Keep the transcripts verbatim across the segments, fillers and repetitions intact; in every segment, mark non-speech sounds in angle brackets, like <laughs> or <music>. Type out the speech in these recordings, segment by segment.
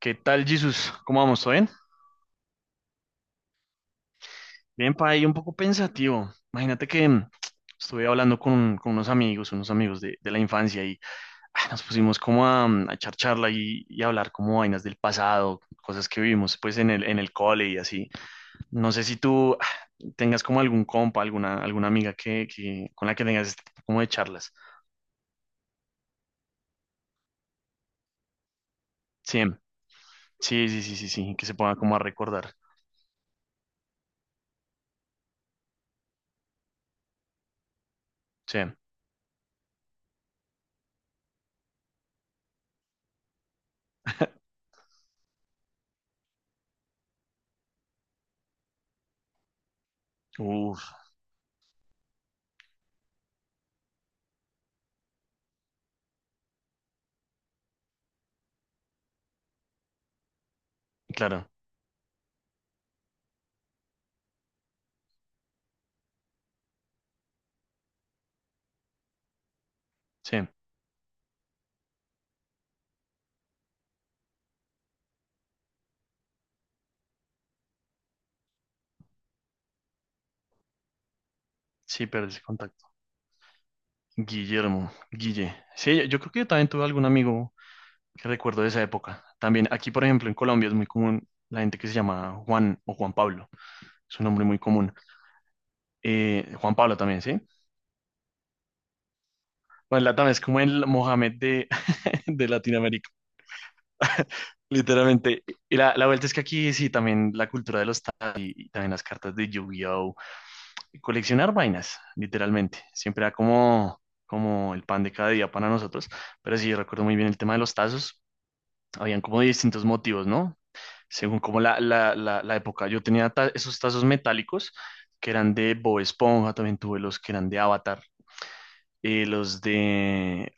¿Qué tal, Jesús? ¿Cómo vamos? ¿Todo bien? Bien, pa, ahí un poco pensativo. Imagínate que mm, estuve hablando con, con unos amigos, unos amigos de, de la infancia y ah, nos pusimos como a, mm, a echar charla y, y hablar como vainas del pasado, cosas que vivimos pues en el, en el cole y así. No sé si tú ah, tengas como algún compa, alguna, alguna amiga que, que, con la que tengas este tipo como de charlas. Sí, sí, sí, sí, sí, sí, que se ponga como a recordar. Sí, uff, claro, sí, sí, pero ese Guillermo, Guille. Sí, yo creo que yo también tuve algún amigo que recuerdo de esa época. También aquí, por ejemplo, en Colombia es muy común la gente que se llama Juan o Juan Pablo. Es un nombre muy común. Eh, Juan Pablo también, ¿sí? Bueno, la también es como el Mohamed de, <laughs> de Latinoamérica, literalmente. Y la, la vuelta es que aquí sí, también la cultura de los tazos y, y también las cartas de Yu-Gi-Oh! Coleccionar vainas, literalmente. Siempre era como, como el pan de cada día para nosotros. Pero sí, recuerdo muy bien el tema de los tazos. Habían como distintos motivos, ¿no? Según como la, la, la, la época. Yo tenía ta- esos tazos metálicos que eran de Bob Esponja, también tuve los que eran de Avatar, eh, los de,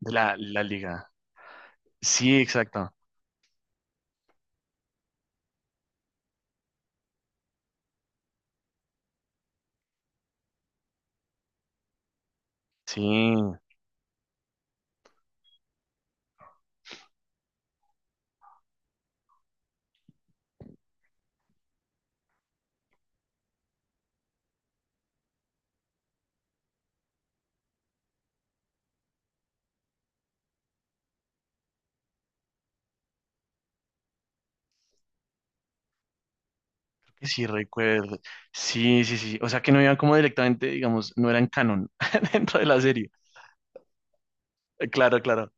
de la, la Liga. Sí, exacto. Sí, que sí recuerdo. Sí, sí, sí. O sea que no iban como directamente, digamos, no eran canon <laughs> dentro de la serie. Eh, Claro, claro.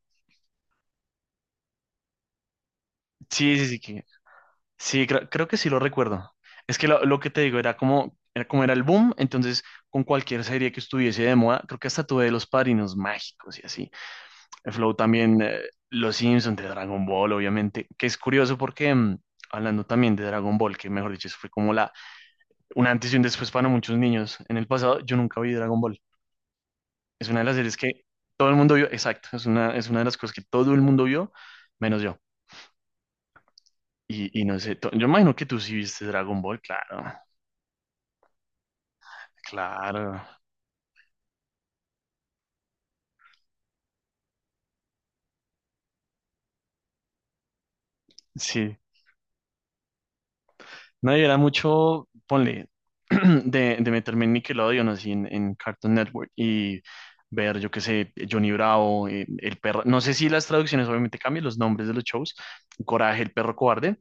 Sí, sí, sí, que sí, creo, creo que sí lo recuerdo. Es que lo, lo que te digo era como, era como era el boom, entonces con cualquier serie que estuviese de moda, creo que hasta tuve de los Padrinos Mágicos y así. El Flow también, eh, Los Simpsons de Dragon Ball, obviamente, que es curioso porque mm, hablando también de Dragon Ball, que mejor dicho, eso fue como la, un antes y un después para muchos niños. En el pasado yo nunca vi Dragon Ball. Es una de las series que todo el mundo vio, exacto, es una, es una de las cosas que todo el mundo vio, menos yo. Y, y no sé, to- yo imagino que tú sí viste Dragon Ball, claro, claro. Sí, no, yo era mucho, ponle, <clears throat> de, de meterme en Nickelodeon, así en, en Cartoon Network y ver, yo qué sé, Johnny Bravo, eh, el perro, no sé si las traducciones obviamente cambian los nombres de los shows, Coraje, el perro cobarde,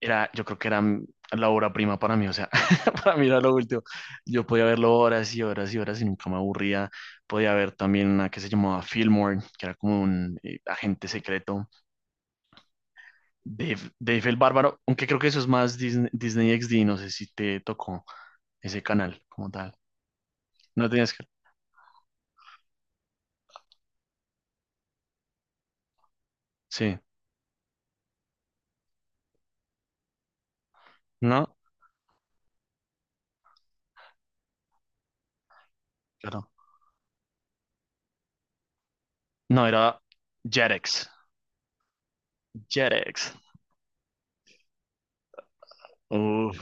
era, yo creo que era mm, la obra prima para mí, o sea, <laughs> para mí era lo último, yo podía verlo horas y horas y horas y nunca me aburría, podía ver también una que se llamaba Fillmore, que era como un eh, agente secreto, Dave, Dave el Bárbaro, aunque creo que eso es más Disney, Disney X D, no sé si te tocó ese canal como tal. No tenías que... Sí, ¿no? Claro. No, era Jetix. Jetix. Uf,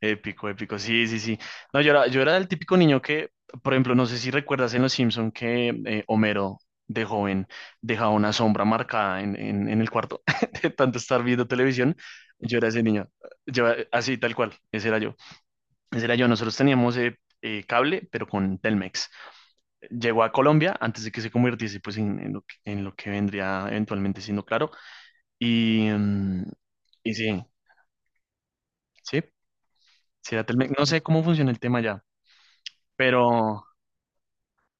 épico, épico. Sí, sí, sí. No, yo era, yo era el típico niño que, por ejemplo, no sé si recuerdas en Los Simpson que eh, Homero de joven dejaba una sombra marcada en, en, en el cuarto <laughs> de tanto estar viendo televisión. Yo era ese niño. Yo, así, tal cual. Ese era yo. Ese era yo. Nosotros teníamos eh, eh, cable, pero con Telmex. Llegó a Colombia antes de que se convirtiese pues, en, en lo que, en lo que vendría eventualmente siendo claro. Y, mm, y sí, sí, sí era Telmex. No sé cómo funciona el tema ya, pero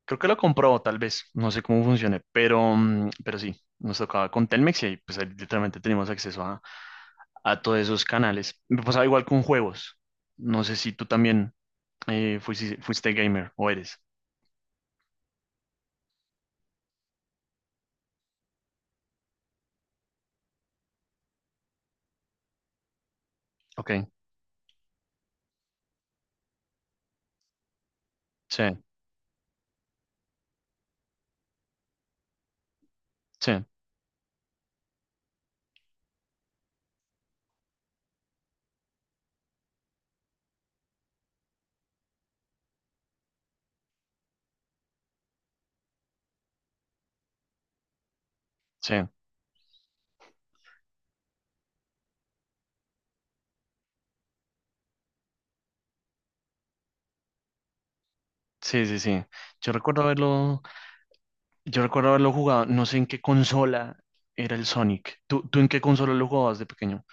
creo que lo compró tal vez. No sé cómo funcione, pero, mm, pero sí, nos tocaba con Telmex y ahí, pues, ahí literalmente teníamos acceso a, a todos esos canales. Me pasaba igual con juegos. No sé si tú también eh, fuisi- fuiste, gamer o eres. Ok, sí, sí. Sí, sí, sí, sí. Yo recuerdo haberlo, yo recuerdo haberlo jugado, no sé en qué consola era el Sonic. ¿Tú, tú en qué consola lo jugabas de pequeño?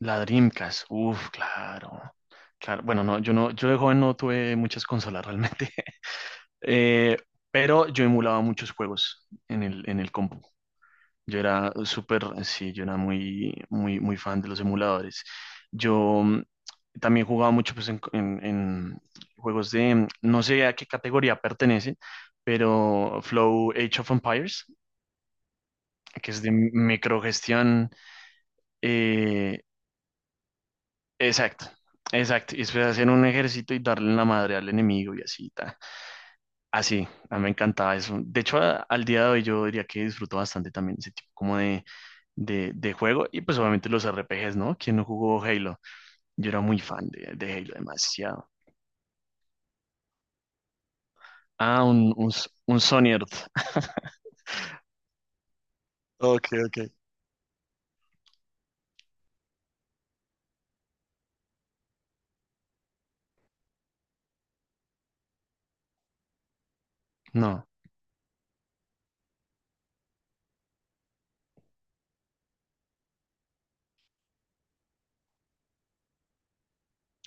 La Dreamcast. Uf, claro. Claro, bueno, no, yo no, yo de joven no tuve muchas consolas realmente. <laughs> Eh, pero yo emulaba muchos juegos en el, en el compu. Yo era súper, sí, yo era muy, muy, muy fan de los emuladores. Yo mm, también jugaba mucho pues, en, en- en juegos de, mm, no sé a qué categoría pertenece, pero Flow Age of Empires, que es de microgestión. eh, exacto, exacto. Y después hacer un ejército y darle en la madre al enemigo y así. Ta. Así, a mí me encantaba eso. De hecho, a- al día de hoy yo diría que disfruto bastante también ese tipo como de, de, de juego y pues obviamente los R P Gs, ¿no? ¿Quién no jugó Halo? Yo era muy fan de, de Halo, demasiado. Ah, un, un, S- un Sony Earth. Ok, ok. <laughs> No,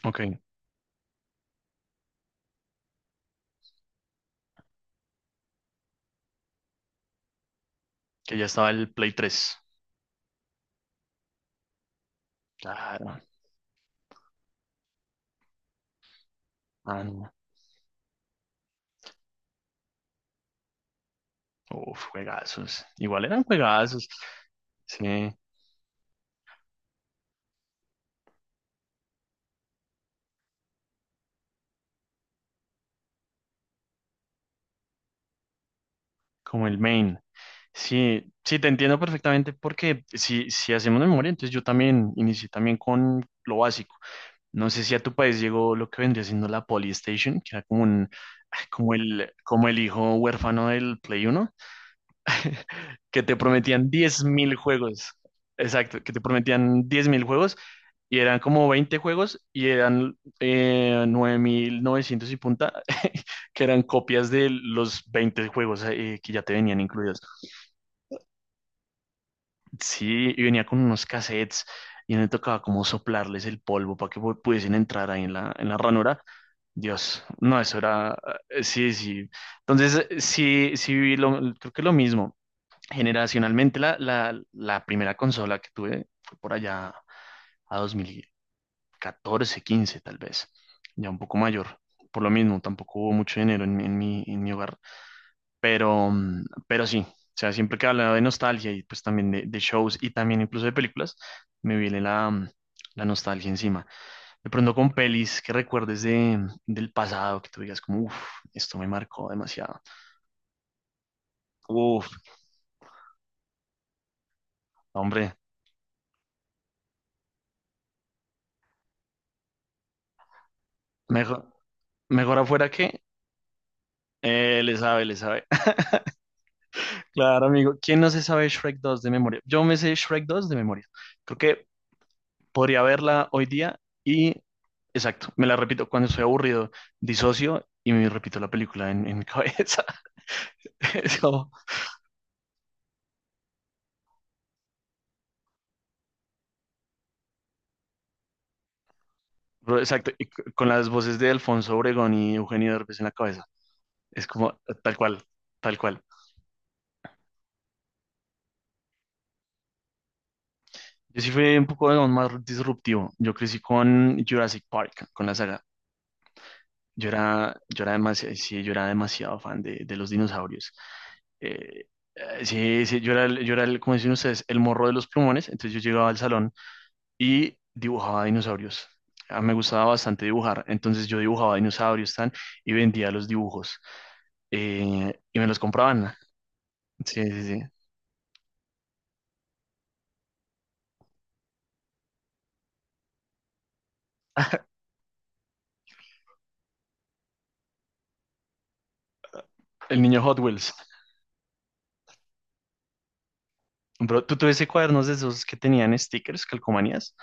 ok, que ya estaba el Play tres. Claro, ah, no. Uf, juegazos. Igual eran juegazos. Sí, como el main. Sí, sí, te entiendo perfectamente porque si, si hacemos memoria, entonces yo también inicié también con lo básico. No sé si a tu país llegó lo que vendría siendo la Polystation, que era como un, <laughs> ah, como el, como el hijo huérfano del Play Uno, que te prometían diez mil juegos. Exacto, que te prometían diez mil juegos y eran como veinte juegos y eran eh, nueve mil novecientos y punta, <laughs> que eran copias de los veinte juegos eh, que ya te venían incluidos. Sí, y venía con unos cassettes y me tocaba como soplarles el polvo para que pu- pudiesen entrar ahí en la, en la ranura. Dios, no, eso era, eh, sí, sí. Entonces, eh, sí, sí viví lo, creo que lo mismo. Generacionalmente, la, la, la primera consola que tuve fue por allá a dos mil catorce, quince tal vez, ya un poco mayor. Por lo mismo, tampoco hubo mucho dinero en, mi, en mi en mi hogar. Pero, mm, pero sí, o sea, siempre que hablaba de nostalgia y pues también de, de shows y también incluso de películas, me viene la, mm, la nostalgia encima. De pronto con pelis que recuerdes de, mm, del pasado, que tú digas como, uff, esto me marcó demasiado. Uff, hombre, mejor, mejor afuera que eh, le sabe, le sabe. <laughs> Claro, amigo. ¿Quién no se sabe Shrek dos de memoria? Yo me sé Shrek dos de memoria. Creo que podría verla hoy día y, exacto, me la repito cuando estoy aburrido, disocio y me repito la película en, en mi cabeza. <laughs> Es, pero exacto, y c- con las voces de Alfonso Obregón y Eugenio Derbez en la cabeza. Es como eh, tal cual, tal cual. Yo sí fui un poco digamos, más disruptivo. Yo crecí con Jurassic Park, con la saga. Yo era, yo era demasiado, sí, yo era demasiado fan de, de los dinosaurios. Eh, eh, sí, sí, yo era, el- yo era el, como dicen ustedes, el morro de los plumones. Entonces yo llegaba al salón y dibujaba dinosaurios. Ah, me gustaba bastante dibujar. Entonces yo dibujaba dinosaurios tan, y vendía los dibujos. Eh, y me los compraban. Sí, sí, sí. El niño Hot Wheels. Bro, ¿tú tuviste cuadernos de esos que tenían stickers, calcomanías?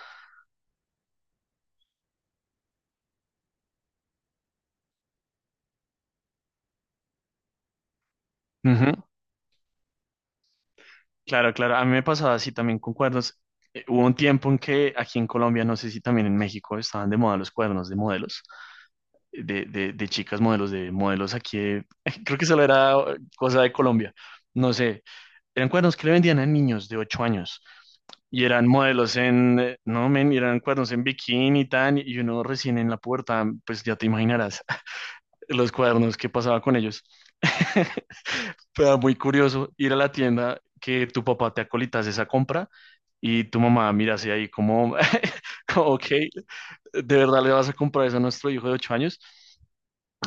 Claro, claro, a mí me pasaba así también con cuernos. Eh, hubo un tiempo en que aquí en Colombia, no sé si también en México, estaban de moda los cuernos de modelos, de, de, de chicas modelos, de modelos aquí, de- <laughs> creo que solo era eh, cosa de Colombia, no sé, eran cuernos que le vendían a niños de ocho años y eran modelos en, eh, no, men, eran cuernos en bikini y tan, y uno recién en la puerta, pues ya te imaginarás <laughs> los cuernos, qué pasaba con ellos. <laughs> Pero muy curioso ir a la tienda que tu papá te acolitas esa compra y tu mamá mira así ahí como, <laughs> como, ok, ¿de verdad le vas a comprar eso a nuestro hijo de ocho años?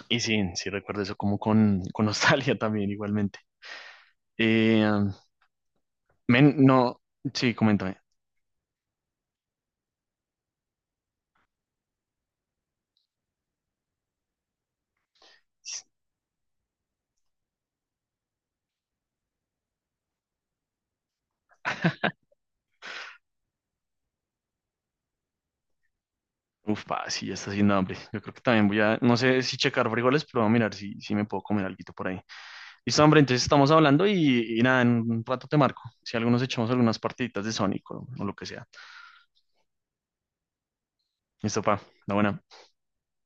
Y sí, sí recuerdo eso como con, con nostalgia <laughs> también igualmente. Eh, men, no, sí, coméntame. Uf, pa, sí, ya está haciendo hambre. Yo creo que también voy a, no sé si checar frijoles, pero voy a mirar si, si me puedo comer alguito por ahí. Listo, hombre, entonces estamos hablando y, y nada, en un rato te marco. Si algunos echamos algunas partiditas de Sonic o o lo que sea. Eso, pa, la buena.